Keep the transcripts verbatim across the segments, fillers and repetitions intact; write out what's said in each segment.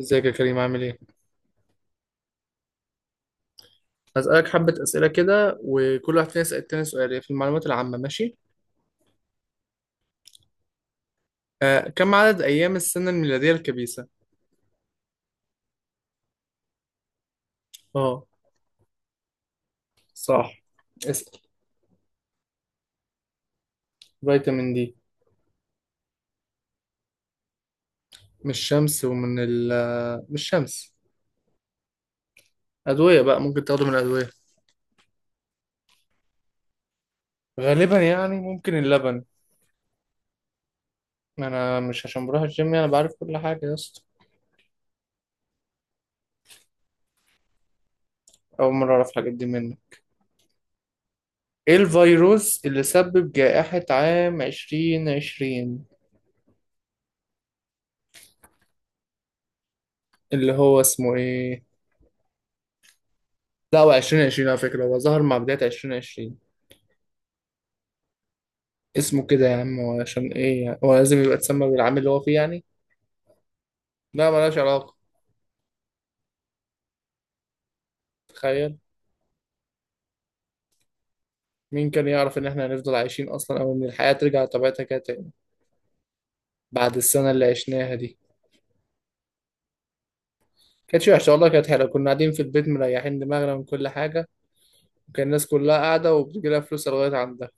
ازيك يا كريم، عامل ايه؟ هسألك حبة أسئلة كده، وكل واحد فينا يسأل التاني سؤال هي في المعلومات العامة، ماشي؟ آه، كم عدد أيام السنة الميلادية الكبيسة؟ اه. صح. اسأل. فيتامين دي. من الشمس ومن ال، من الشمس. أدوية بقى، ممكن تاخده من الأدوية. غالبا يعني ممكن اللبن. أنا مش عشان بروح الجيم يعني بعرف كل حاجة يا اسطى. أول مرة أعرف الحاجات دي منك. ايه الفيروس اللي سبب جائحة عام عشرين عشرين؟ اللي هو اسمه ايه؟ لا، هو ألفين وعشرين على فكرة، هو ظهر مع بداية ألفين وعشرين. اسمه كده يا عم، هو عشان ايه يعني؟ هو لازم يبقى اتسمى بالعام اللي هو فيه يعني لا، ملهاش علاقة. تخيل. مين كان يعرف ان احنا هنفضل عايشين اصلا، او ان الحياة ترجع لطبيعتها كده تاني بعد السنة اللي عشناها دي. كانت وحشة والله، كانت حلوة، كنا قاعدين في البيت مريحين دماغنا من كل حاجة، وكان الناس كلها قاعدة وبتجيلها فلوس لغاية عندها.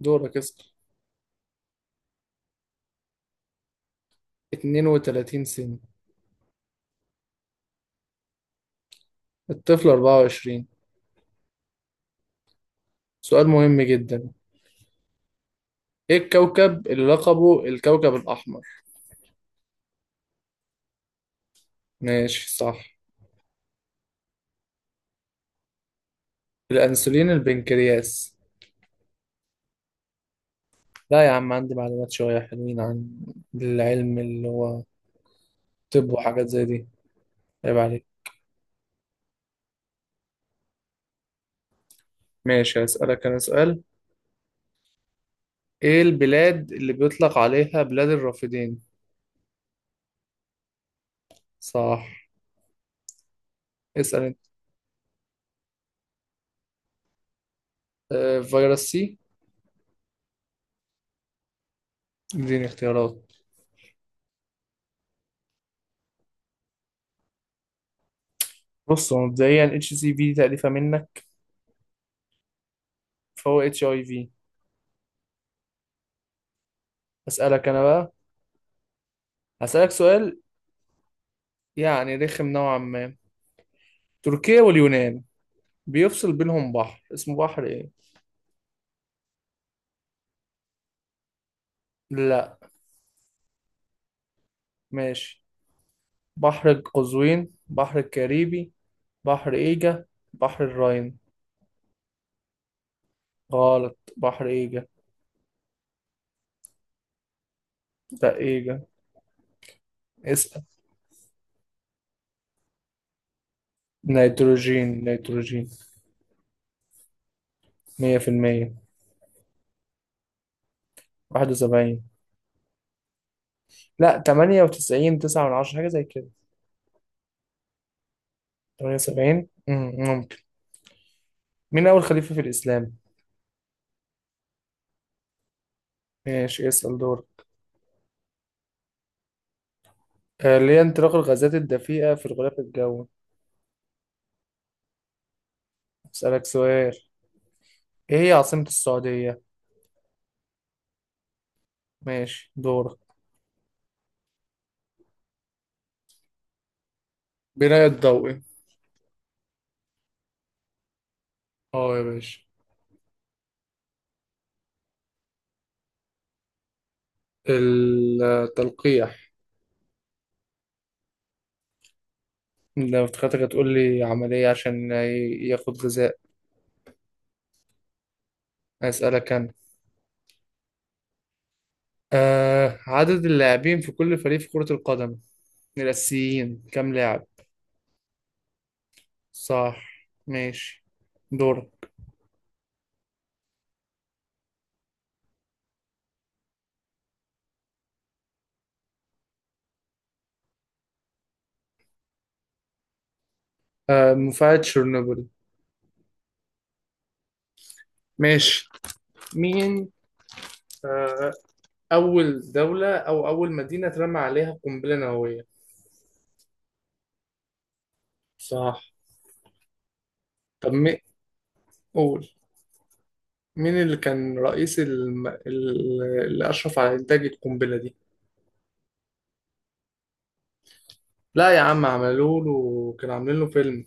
دورك اسأل. اتنين وتلاتين سنة. الطفل اربعة وعشرين. سؤال مهم جدا. ايه الكوكب اللي لقبه الكوكب الأحمر؟ ماشي، صح. الأنسولين البنكرياس. لا يا عم، عندي معلومات شوية حلوين عن العلم اللي هو. طب وحاجات زي دي؟ عيب عليك. ماشي، هسألك أنا سؤال. إيه البلاد اللي بيطلق عليها بلاد الرافدين؟ صح. اسأل أنت. آه، فيروس سي. اديني اختيارات. بص، هو مبدئيا اتش سي في تأليفة منك، فهو اتش اي في. أسألك أنا بقى. هسألك سؤال يعني رخم نوعا ما. تركيا واليونان بيفصل بينهم بحر، اسمه بحر إيه؟ لا. ماشي. بحر قزوين، بحر الكاريبي، بحر ايجا، بحر الراين. غلط، بحر ايجا. لا، ايجا. اسأل. نيتروجين نيتروجين مية في المية. واحد وسبعين. لا، تمانية وتسعين، تسعة من عشرة، حاجة زي كده. تمانية وسبعين، مم، ممكن. مين أول خليفة في الإسلام؟ ماشي، اسأل دور. آه، ليه انطلاق الغازات الدفيئة في الغلاف الجوي؟ أسألك سؤال. ايه هي عاصمة السعودية؟ ماشي، دورك. بناء الضوئي. اه يا باشا. التلقيح. لو افتكرتك هتقول لي عملية عشان ي- ياخد غذاء. أسألك أنا. آه، عدد اللاعبين في كل فريق في كرة القدم الأساسيين كام لاعب؟ صح، ماشي، دور. آه، مفاعل تشيرنوبل. ماشي. مين آه أول دولة أو أول مدينة اترمى عليها قنبلة نووية؟ صح. طب مين؟ قول. مين اللي كان رئيس الم... ال- اللي أشرف على إنتاج القنبلة دي؟ لا يا عم، عملوا له، كانوا عاملين له فيلم.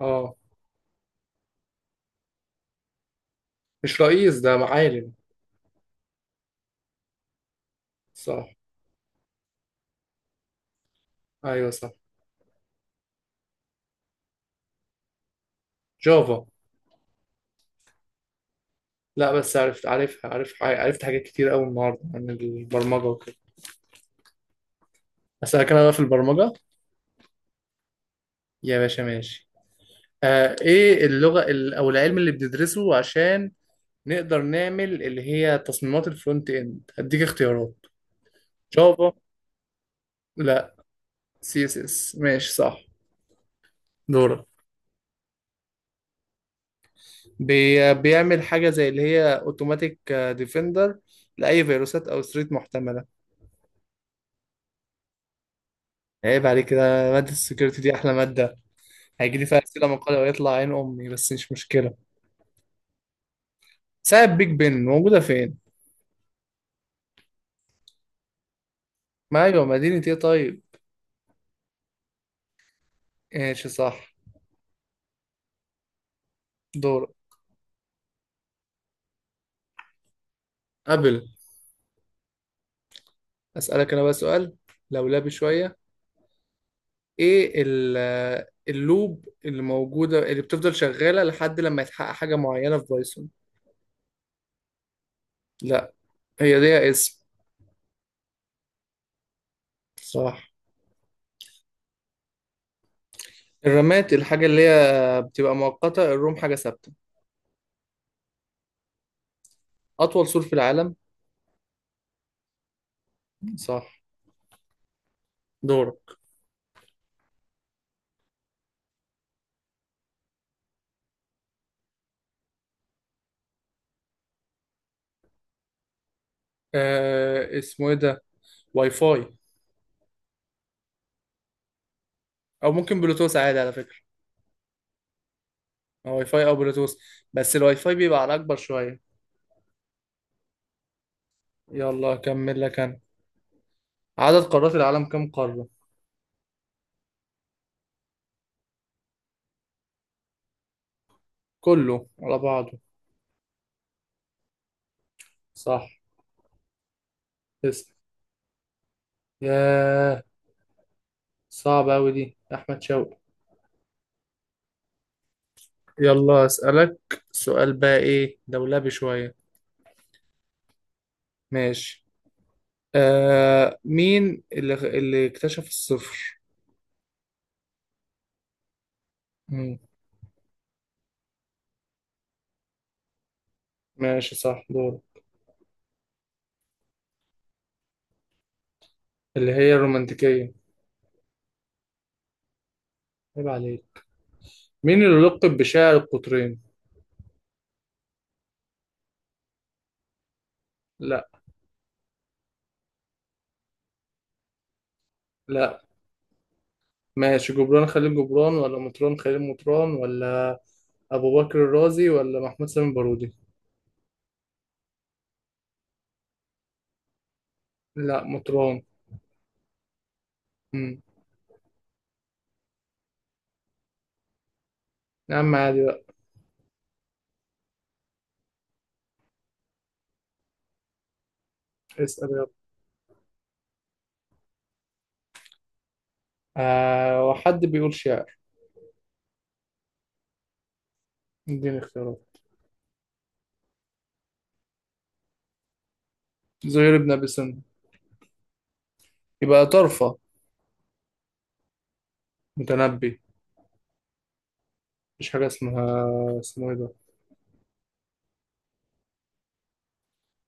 اه. مش رئيس ده، معالم. صح. ايوه صح. جافا. لا، بس عرفت، عارفها، عارف، عرفت حاجات كتير قوي النهارده عن البرمجه وكده. اسالك انا بقى في البرمجه. يا باشا ماشي. آه، ايه اللغه ال- او العلم اللي بندرسه عشان نقدر نعمل اللي هي تصميمات الفرونت اند؟ هديك اختيارات. جافا. لا. سي اس اس. ماشي صح، دورك. بي بيعمل حاجه زي اللي هي اوتوماتيك ديفندر لاي فيروسات او ستريت محتمله. عيب عليك كده. مادة السكيورتي دي أحلى مادة. هيجيلي فيها أسئلة مقالة ويطلع عين أمي، بس مش مشكلة. ساعة بيج بن موجودة فين؟ ما أيوة، مدينة إيه طيب؟ ماشي صح. دور. قبل. أسألك أنا بقى سؤال لولبي شوية. إيه ال- اللوب اللي موجودة اللي بتفضل شغالة لحد لما يتحقق حاجة معينة في بايثون؟ لا. هي دي اسم. صح. الرامات الحاجة اللي هي بتبقى مؤقتة، الروم حاجة ثابتة. أطول سور في العالم؟ صح، دورك. آه، اسمه إيه ده؟ واي فاي. او ممكن بلوتوث عادي على فكره. أو واي فاي او بلوتوث، بس الواي فاي بيبقى على اكبر شويه. يلا اكمل لك انا. عدد قارات العالم كم قاره؟ كله على بعضه. صح. اسم. ياه، صعب اوي دي، يا احمد شوقي. يلا اسالك سؤال بقى، ايه دولابي شويه. ماشي. آه، مين اللي اللي اكتشف الصفر؟ مم. ماشي صح، دور. اللي هي الرومانتيكيه. عيب عليك. مين اللي لقب بشاعر القطرين؟ لا. لا. ماشي، جبران خليل جبران ولا مطران خليل مطران ولا أبو بكر الرازي ولا محمود سامي البارودي؟ لا، مطران. مم. يا عم عادي بقى. اسأل يلا. آه، وحد بيقول شعر. اديني اختيارات. زهير بن أبي سنة. يبقى طرفة. متنبي. مفيش حاجة اسمها، اسمه ايه ده.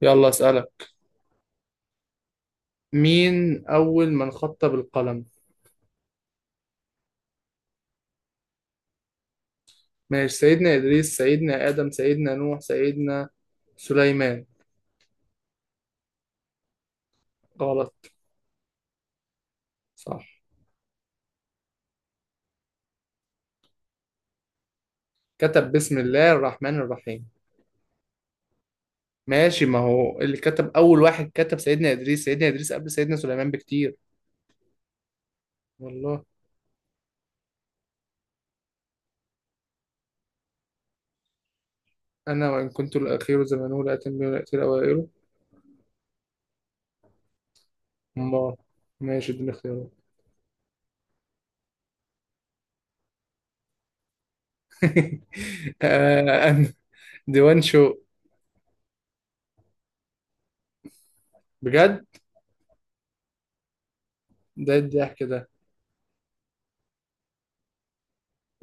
يلا أسألك، مين أول من خط بالقلم؟ ماشي، سيدنا إدريس، سيدنا آدم، سيدنا نوح، سيدنا سليمان. غلط. صح. كتب بسم الله الرحمن الرحيم. ماشي، ما هو اللي كتب، أول واحد كتب سيدنا إدريس، سيدنا إدريس قبل سيدنا سليمان بكتير. والله. أنا وإن كنت الأخير زمانه، لا أتم ولا أتي الأوائل. ما. ماشي، اديني اختيارات. آه، أنا- ديوان شو. بجد. ده الضحك ده.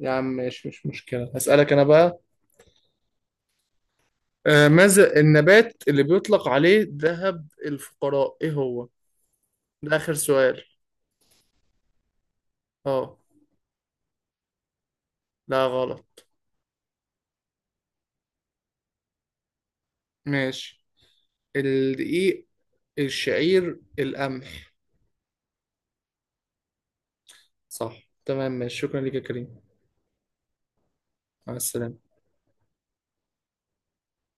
يا عم ماشي، مش مشكلة، هسألك أنا بقى. آه، ماذا النبات اللي بيطلق عليه ذهب الفقراء، إيه هو؟ ده آخر سؤال. أه. لا، غلط. ماشي. الدقيق، الشعير، القمح. صح تمام، ماشي، شكرا لك يا كريم. مع السلامة.